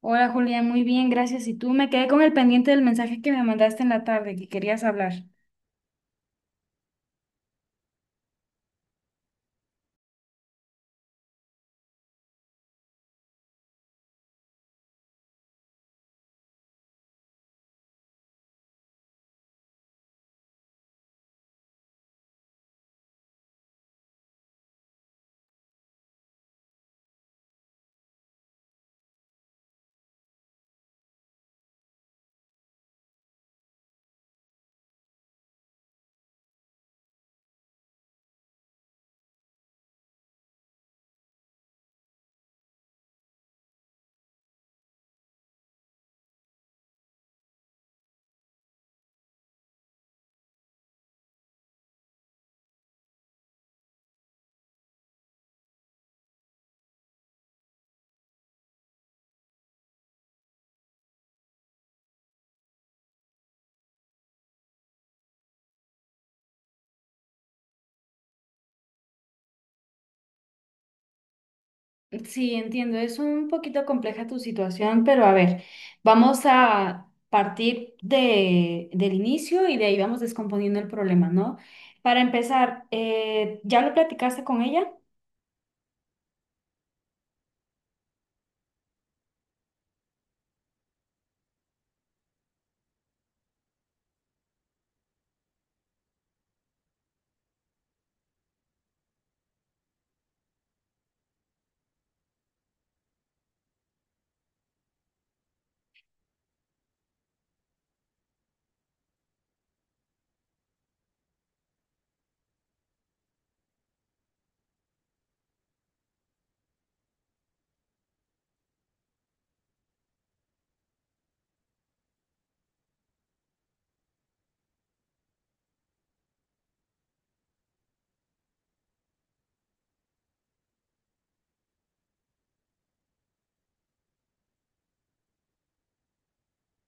Hola Julián, muy bien, gracias. Y tú me quedé con el pendiente del mensaje que me mandaste en la tarde, que querías hablar. Sí, entiendo, es un poquito compleja tu situación, pero a ver, vamos a partir del inicio y de ahí vamos descomponiendo el problema, ¿no? Para empezar, ¿ya lo platicaste con ella?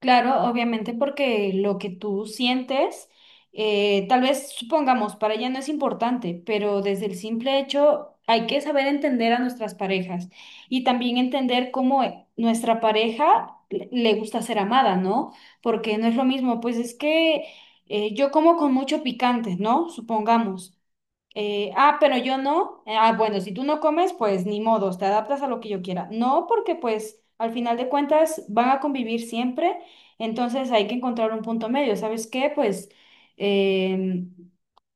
Claro, obviamente porque lo que tú sientes, tal vez supongamos, para ella no es importante, pero desde el simple hecho hay que saber entender a nuestras parejas y también entender cómo nuestra pareja le gusta ser amada, ¿no? Porque no es lo mismo, pues es que yo como con mucho picante, ¿no? Supongamos. Pero yo no. Bueno, si tú no comes, pues ni modos, te adaptas a lo que yo quiera. No, porque pues al final de cuentas van a convivir siempre, entonces hay que encontrar un punto medio. ¿Sabes qué? Em,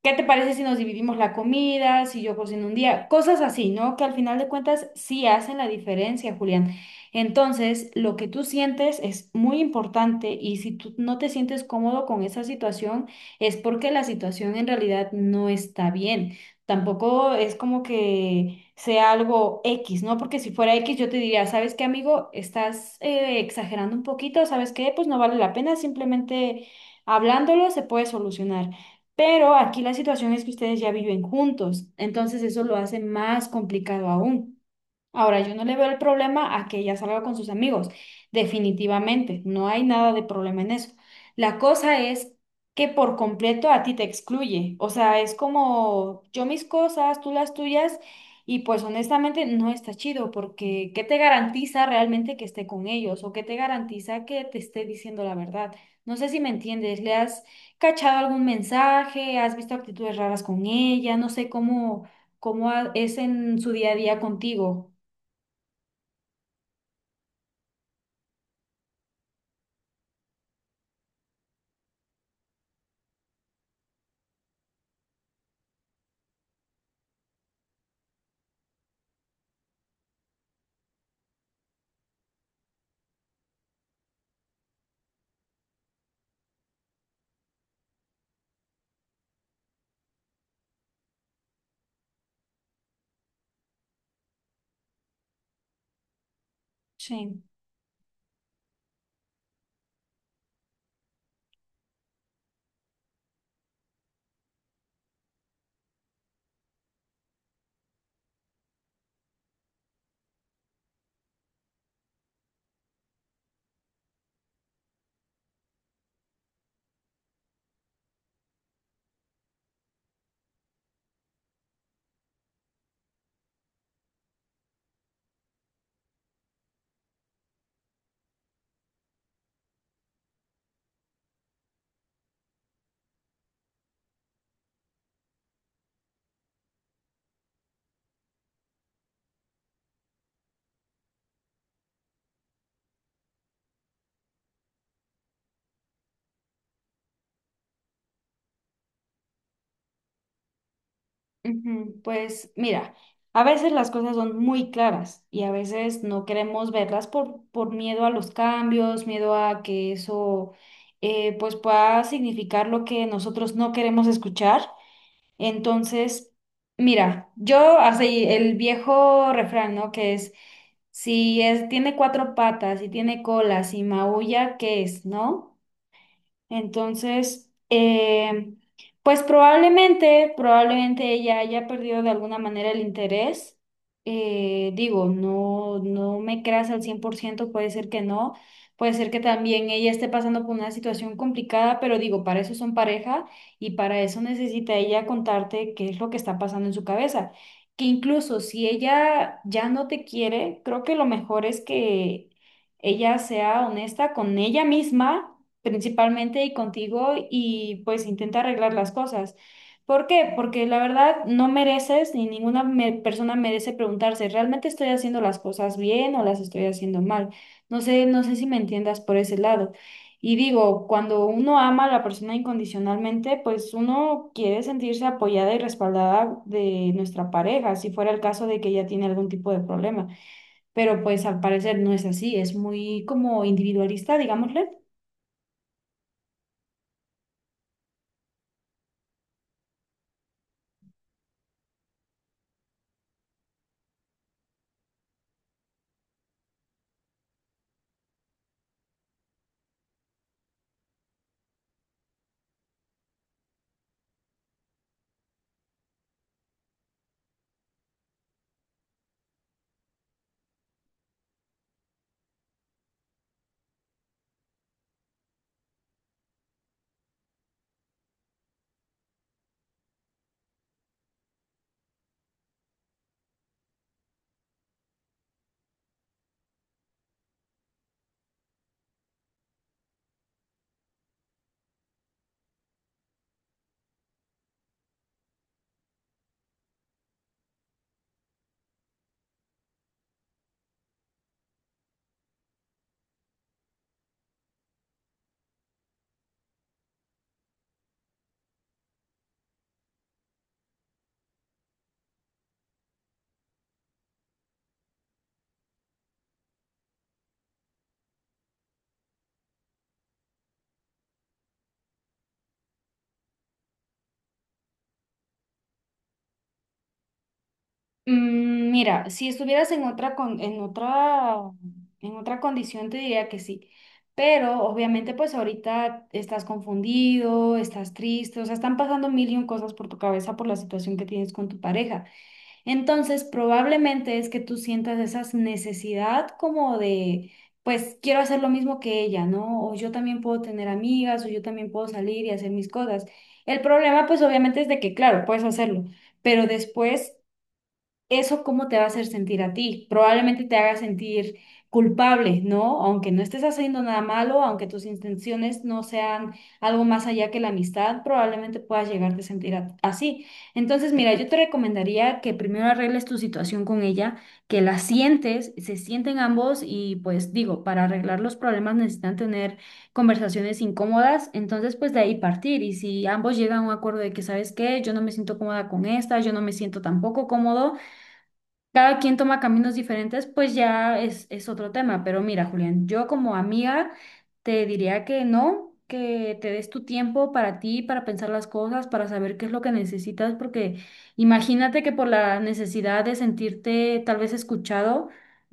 ¿Qué te parece si nos dividimos la comida, si yo cocino un día? Cosas así, ¿no? Que al final de cuentas sí hacen la diferencia, Julián. Entonces, lo que tú sientes es muy importante y si tú no te sientes cómodo con esa situación, es porque la situación en realidad no está bien. Tampoco es como que sea algo X, ¿no? Porque si fuera X, yo te diría, ¿sabes qué, amigo? Estás exagerando un poquito, ¿sabes qué? Pues no vale la pena, simplemente hablándolo se puede solucionar. Pero aquí la situación es que ustedes ya viven juntos, entonces eso lo hace más complicado aún. Ahora, yo no le veo el problema a que ella salga con sus amigos. Definitivamente, no hay nada de problema en eso. La cosa es que por completo a ti te excluye. O sea, es como yo mis cosas, tú las tuyas, y pues honestamente no está chido porque ¿qué te garantiza realmente que esté con ellos? ¿O qué te garantiza que te esté diciendo la verdad? No sé si me entiendes. ¿Le has cachado algún mensaje? ¿Has visto actitudes raras con ella? No sé cómo, cómo es en su día a día contigo. Sí, ujú. Pues mira, a veces las cosas son muy claras y a veces no queremos verlas por miedo a los cambios, miedo a que eso pues pueda significar lo que nosotros no queremos escuchar. Entonces, mira, yo así el viejo refrán, ¿no? Que es, si es, tiene cuatro patas, si tiene cola, si maulla, ¿qué es, no? Entonces, pues probablemente ella haya perdido de alguna manera el interés. Digo, no, no me creas al cien por ciento, puede ser que no, puede ser que también ella esté pasando por una situación complicada, pero digo, para eso son pareja y para eso necesita ella contarte qué es lo que está pasando en su cabeza. Que incluso si ella ya no te quiere, creo que lo mejor es que ella sea honesta con ella misma principalmente y contigo y pues intenta arreglar las cosas. ¿Por qué? Porque la verdad no mereces ni ninguna persona merece preguntarse, ¿realmente estoy haciendo las cosas bien o las estoy haciendo mal? No sé, no sé si me entiendas por ese lado. Y digo, cuando uno ama a la persona incondicionalmente, pues uno quiere sentirse apoyada y respaldada de nuestra pareja, si fuera el caso de que ella tiene algún tipo de problema. Pero pues al parecer no es así, es muy como individualista, digámosle. Mm. Mira, si estuvieras en otra en otra condición te diría que sí, pero obviamente pues ahorita estás confundido, estás triste, o sea, están pasando mil y un cosas por tu cabeza por la situación que tienes con tu pareja. Entonces, probablemente es que tú sientas esa necesidad como de pues quiero hacer lo mismo que ella, ¿no? O yo también puedo tener amigas, o yo también puedo salir y hacer mis cosas. El problema pues obviamente es de que claro, puedes hacerlo pero después eso cómo te va a hacer sentir a ti. Probablemente te haga sentir culpable, ¿no? Aunque no estés haciendo nada malo, aunque tus intenciones no sean algo más allá que la amistad, probablemente puedas llegarte a sentir así. Entonces, mira, yo te recomendaría que primero arregles tu situación con ella, que la sientes, se sienten ambos y pues digo, para arreglar los problemas necesitan tener conversaciones incómodas, entonces pues de ahí partir y si ambos llegan a un acuerdo de que, ¿sabes qué? Yo no me siento cómoda con esta, yo no me siento tampoco cómodo, cada quien toma caminos diferentes, pues ya es otro tema. Pero mira, Julián, yo como amiga te diría que no, que te des tu tiempo para ti, para pensar las cosas, para saber qué es lo que necesitas, porque imagínate que por la necesidad de sentirte tal vez escuchado,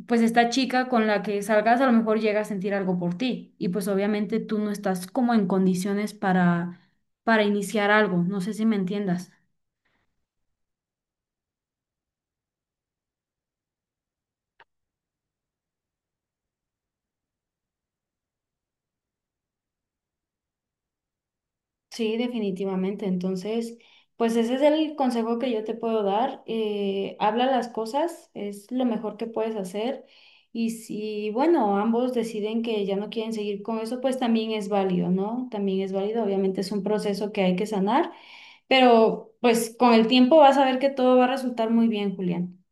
pues esta chica con la que salgas a lo mejor llega a sentir algo por ti y pues obviamente tú no estás como en condiciones para iniciar algo. No sé si me entiendas. Sí, definitivamente. Entonces, pues ese es el consejo que yo te puedo dar. Habla las cosas, es lo mejor que puedes hacer. Y si, bueno, ambos deciden que ya no quieren seguir con eso, pues también es válido, ¿no? También es válido. Obviamente es un proceso que hay que sanar, pero pues con el tiempo vas a ver que todo va a resultar muy bien, Julián.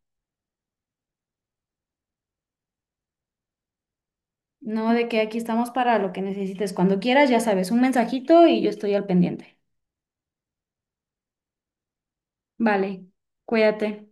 No, de que aquí estamos para lo que necesites. Cuando quieras, ya sabes, un mensajito y yo estoy al pendiente. Vale, cuídate.